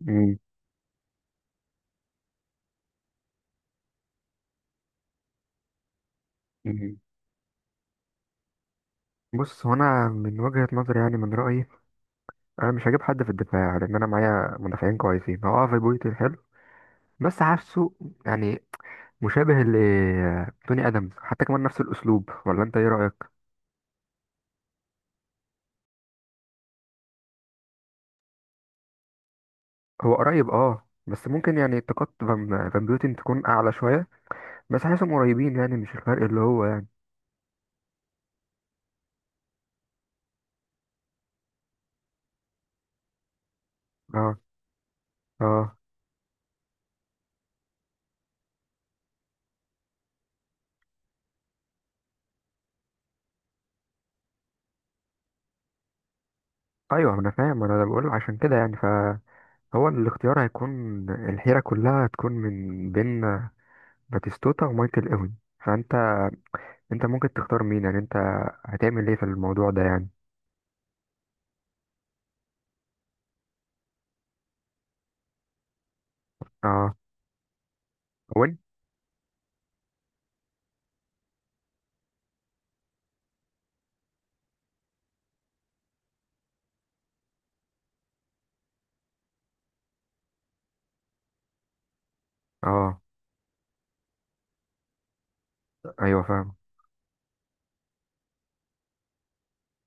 مم. مم. بص هو انا من وجهة نظري يعني من رأيي انا مش هجيب حد في الدفاع يعني، لان انا معايا مدافعين كويسين. هو اه في بويتي حلو بس حاسه يعني مشابه لتوني ادمز حتى كمان نفس الاسلوب، ولا انت ايه رأيك؟ هو قريب اه بس ممكن يعني طاقات فان بيوتن تكون اعلى شوية، بس حاسسهم قريبين يعني مش الفرق اللي هو يعني. اه اه ايوه انا فاهم، انا بقول عشان كده يعني فهو الاختيار هيكون، الحيرة كلها هتكون من بين باتيستوتا ومايكل اوين. فانت انت ممكن تختار مين يعني؟ انت هتعمل ايه في الموضوع ده يعني؟ اه اوين. اه ايوه فاهم.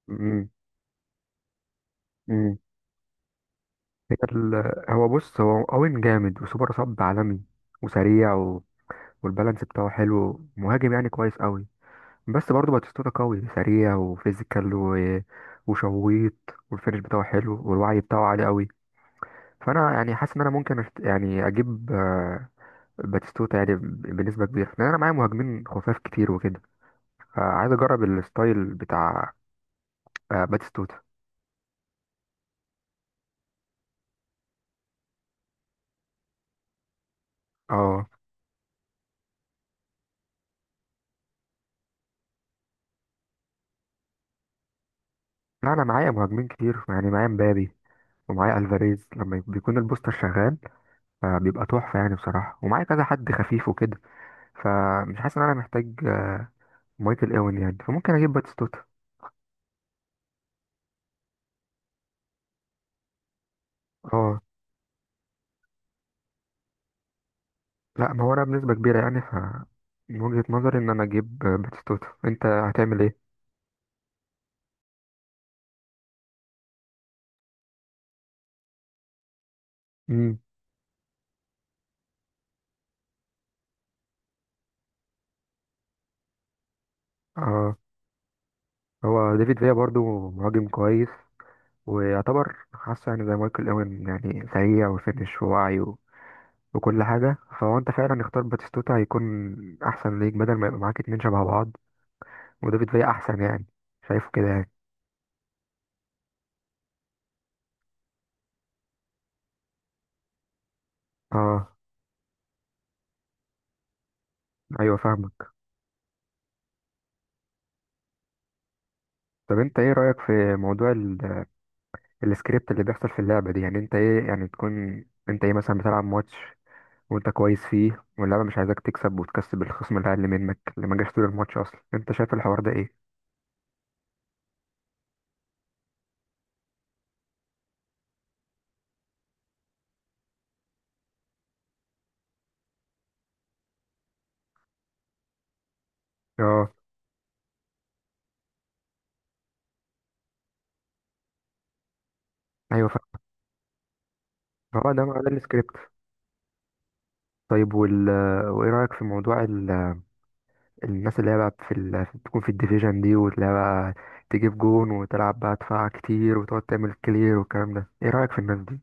امم. امم. بص هو اوين جامد وسوبر صب عالمي وسريع و والبالانس بتاعه حلو، مهاجم يعني كويس قوي. بس برضه باتيستوتا قوي سريع وفيزيكال و وشويط، والفينش بتاعه حلو والوعي بتاعه عالي قوي. فانا يعني حاسس ان انا ممكن أشت... يعني اجيب باتيستوتا يعني بنسبة كبيرة، لان انا معايا مهاجمين خفاف كتير وكده، فعايز اجرب الستايل بتاع باتيستوتا. اه لا انا معايا مهاجمين كتير يعني، معايا مبابي ومعايا الفاريز لما بيكون البوستر شغال، بيبقى تحفه يعني بصراحه، ومعايا كذا حد خفيف وكده، فمش حاسس ان انا محتاج مايكل اوين يعني، فممكن اجيب باتيستوتا. اه لا ما هو انا بنسبه كبيره يعني، ف من وجهه نظري ان انا اجيب باتيستوتا. انت هتعمل ايه؟ امم. اه هو ديفيد فيا برضو مهاجم كويس ويعتبر حاسه يعني زي مايكل اوين، يعني سريع وفينش ووعي وكل حاجة، فهو انت فعلا اختار باتيستوتا هيكون احسن ليك بدل ما يبقى معاك اتنين شبه بعض، ودافيد فيا احسن يعني. شايفه كده يعني. اه ايوه فاهمك. طب انت ايه رأيك في موضوع السكريبت اللي بيحصل في اللعبة دي؟ يعني انت ايه، يعني تكون انت ايه مثلا بتلعب ماتش وانت كويس فيه واللعبة مش عايزاك تكسب، وتكسب الخصم اللي اقل منك اللي ما جاش طول الماتش اصلا، انت شايف الحوار ده ايه؟ اه ايوه فاهم. هو ده السكريبت. طيب وايه رأيك في موضوع الناس اللي هي بقى في تكون في الديفيجن دي واللي هي بقى تجيب جون وتلعب بقى دفاع كتير وتقعد تعمل كلير والكلام ده، ايه رأيك في الناس دي؟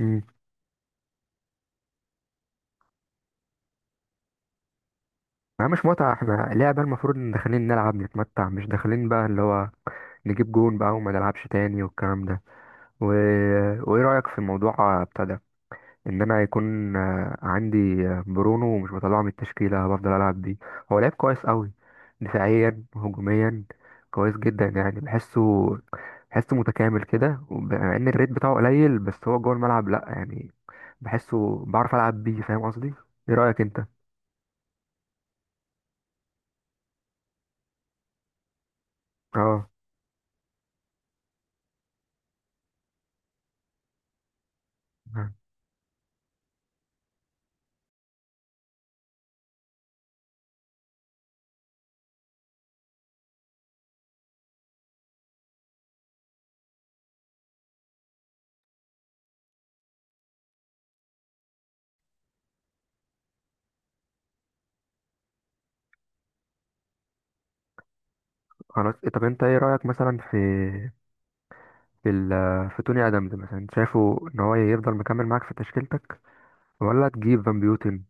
امم. ما مش متعة، احنا لعبة المفروض ان داخلين نلعب نتمتع، مش داخلين بقى اللي هو نجيب جون بقى وما نلعبش تاني والكلام ده و وايه رأيك في موضوع ابتدى ان انا هيكون عندي برونو ومش بطلعه من التشكيله بفضل العب بيه؟ هو لعيب كويس قوي دفاعيا وهجوميا، كويس جدا يعني. بحسه متكامل كده، مع ان الريت بتاعه قليل بس هو جوه الملعب لا يعني، بحسه بعرف العب بيه، فاهم قصدي؟ ايه رايك انت؟ اه خلاص. طب انت ايه رايك مثلا في في ال... في توني ادمز مثلا؟ شايفه ان هو يفضل مكمل معاك في تشكيلتك، ولا تجيب فان بيوتن؟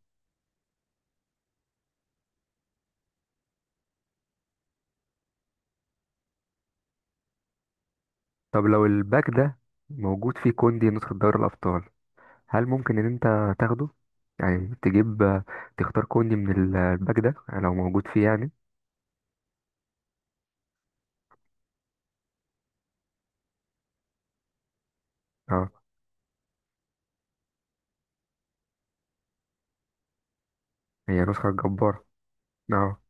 طب لو الباك ده موجود فيه كوندي نسخة دوري الأبطال، هل ممكن إن أنت تاخده؟ يعني تجيب تختار كوندي من الباك ده لو موجود فيه يعني. اه هي نسخة جبارة. اه.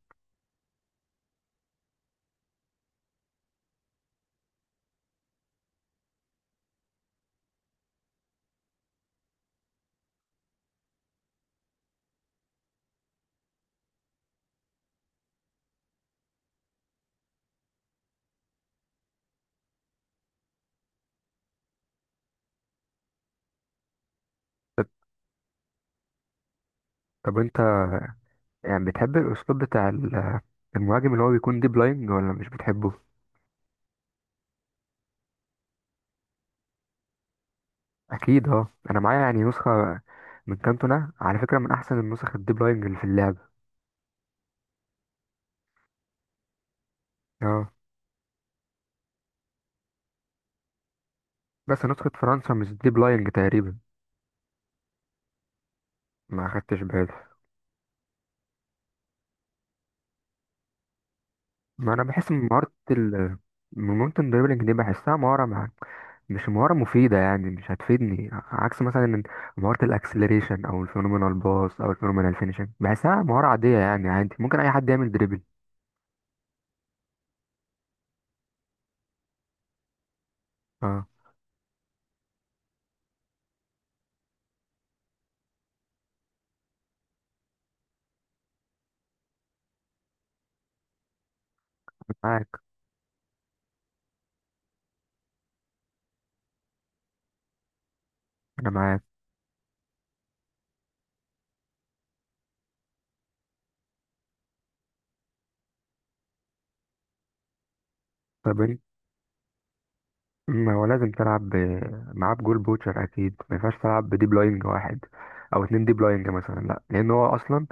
طب طب أنت يعني بتحب الأسلوب بتاع المهاجم اللي هو بيكون ديب لاين ولا مش بتحبه؟ أكيد اه أنا معايا يعني نسخة من كانتونا على فكرة، من أحسن النسخ الديب لاينج اللي في اللعبة. اه بس نسخة فرنسا مش ديب لاينج تقريبا. ما أخدتش بالي. ما انا بحس ان مهارة الدريبلينج دي بحسها مهارة مش مهارة مفيدة يعني، مش هتفيدني عكس مثلا إن مهارة الاكسلريشن او الفينومينال باص او الفينومينال فينيشنج، بحسها مهارة عادية يعني، عادي ممكن اي حد يعمل دريبل. اه معاك. انا معاك. طب انت ما هو لازم تلعب معاه بجول بوتشر، اكيد ما ينفعش تلعب بديب لاينج واحد او اتنين ديب لاينج مثلا لا، لان هو اصلا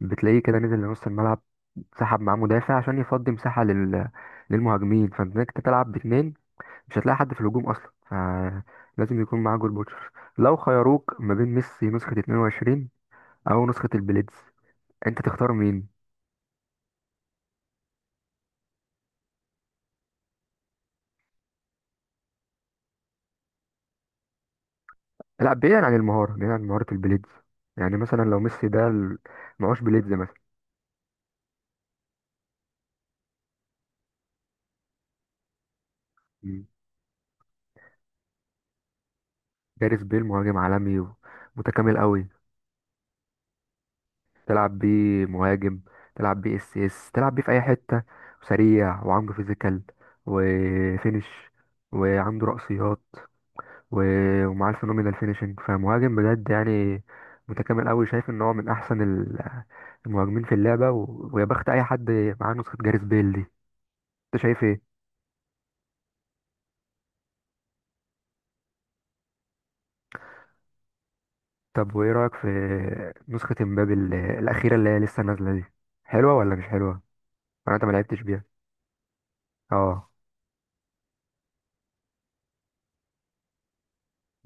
بتلاقيه كده نزل لنص الملعب، سحب معاه مدافع عشان يفضي مساحة للمهاجمين، فانت إنك تلعب باتنين مش هتلاقي حد في الهجوم اصلا، فلازم يكون معاه جول بوتشر. لو خيروك ما بين ميسي نسخة 22 او نسخة البليدز، انت تختار مين؟ لا بعيدا عن المهارة، بعيدا عن مهارة البليدز، يعني مثلا لو ميسي ده معهوش بليدز مثلا. مم. جاريث بيل مهاجم عالمي ومتكامل قوي، تلعب بيه مهاجم، تلعب بيه اس اس، تلعب بيه في اي حتة، سريع وعنده فيزيكال وفينش وعنده رأسيات ومعاه الفينومينال فينيشنج، فمهاجم بجد يعني، متكامل قوي. شايف ان هو من احسن المهاجمين في اللعبه، ويا بخت اي حد معاه نسخه جاريث بيل دي. انت شايف ايه؟ طب وايه رايك في نسخه امبابي الاخيره اللي هي لسه نازله دي، حلوه ولا مش حلوه، ولا انت ما لعبتش بيها؟ اه.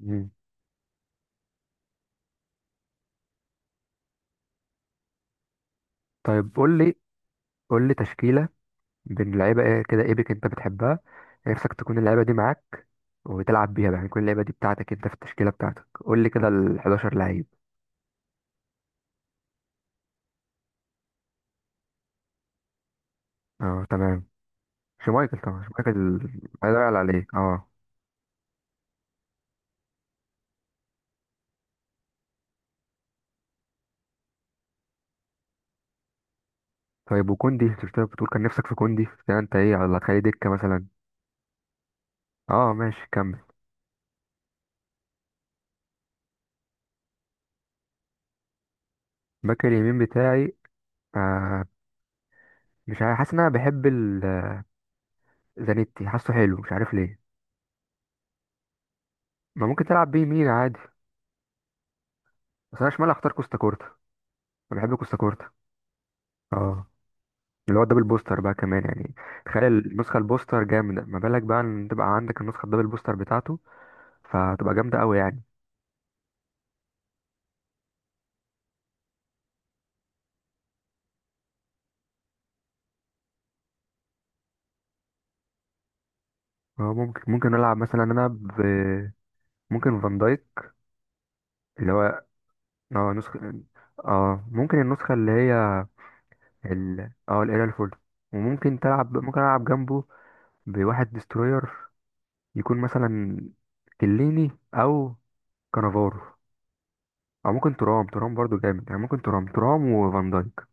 مم. طيب قول لي، قول لي تشكيله بين لعيبه ايه كده ايبك انت بتحبها، نفسك تكون اللعيبه دي معاك وتلعب بيها بقى يعني. كل اللعيبه دي بتاعتك انت في التشكيله بتاعتك، قول لي كده ال 11 لعيب. اه تمام. شمايكل طبعا شمايكل، لا يعلى عليه اه. طيب وكوندي شفتها بتقول كان نفسك في كوندي ده، انت ايه، على هتخليه دكة مثلا؟ اه ماشي كمل. باك اليمين بتاعي آه مش عارف، حاسس ان انا بحب زانيتي، حاسه حلو مش عارف ليه. ما ممكن تلعب بيه يمين عادي. بس انا شمال اختار كوستا كورتا، انا بحب كوستا كورتا. اه، اللي هو الدبل بوستر بقى كمان يعني، تخيل النسخة البوستر جامدة، ما بالك بقى ان تبقى عندك النسخة الدبل بوستر بتاعته، فتبقى جامدة قوي يعني. اه ممكن نلعب مثلا انا ممكن فان دايك اللي هو اه نسخة، اه ممكن النسخة اللي هي ال اه القليله الفل، وممكن تلعب ممكن ألعب جنبه بواحد ديستروير، يكون مثلا كليني أو كانافارو، أو ممكن ترام ترام برضو جامد يعني، ممكن ترام ترام وفان دايك.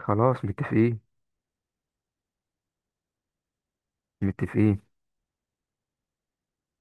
خلاص متفقين. متفقين.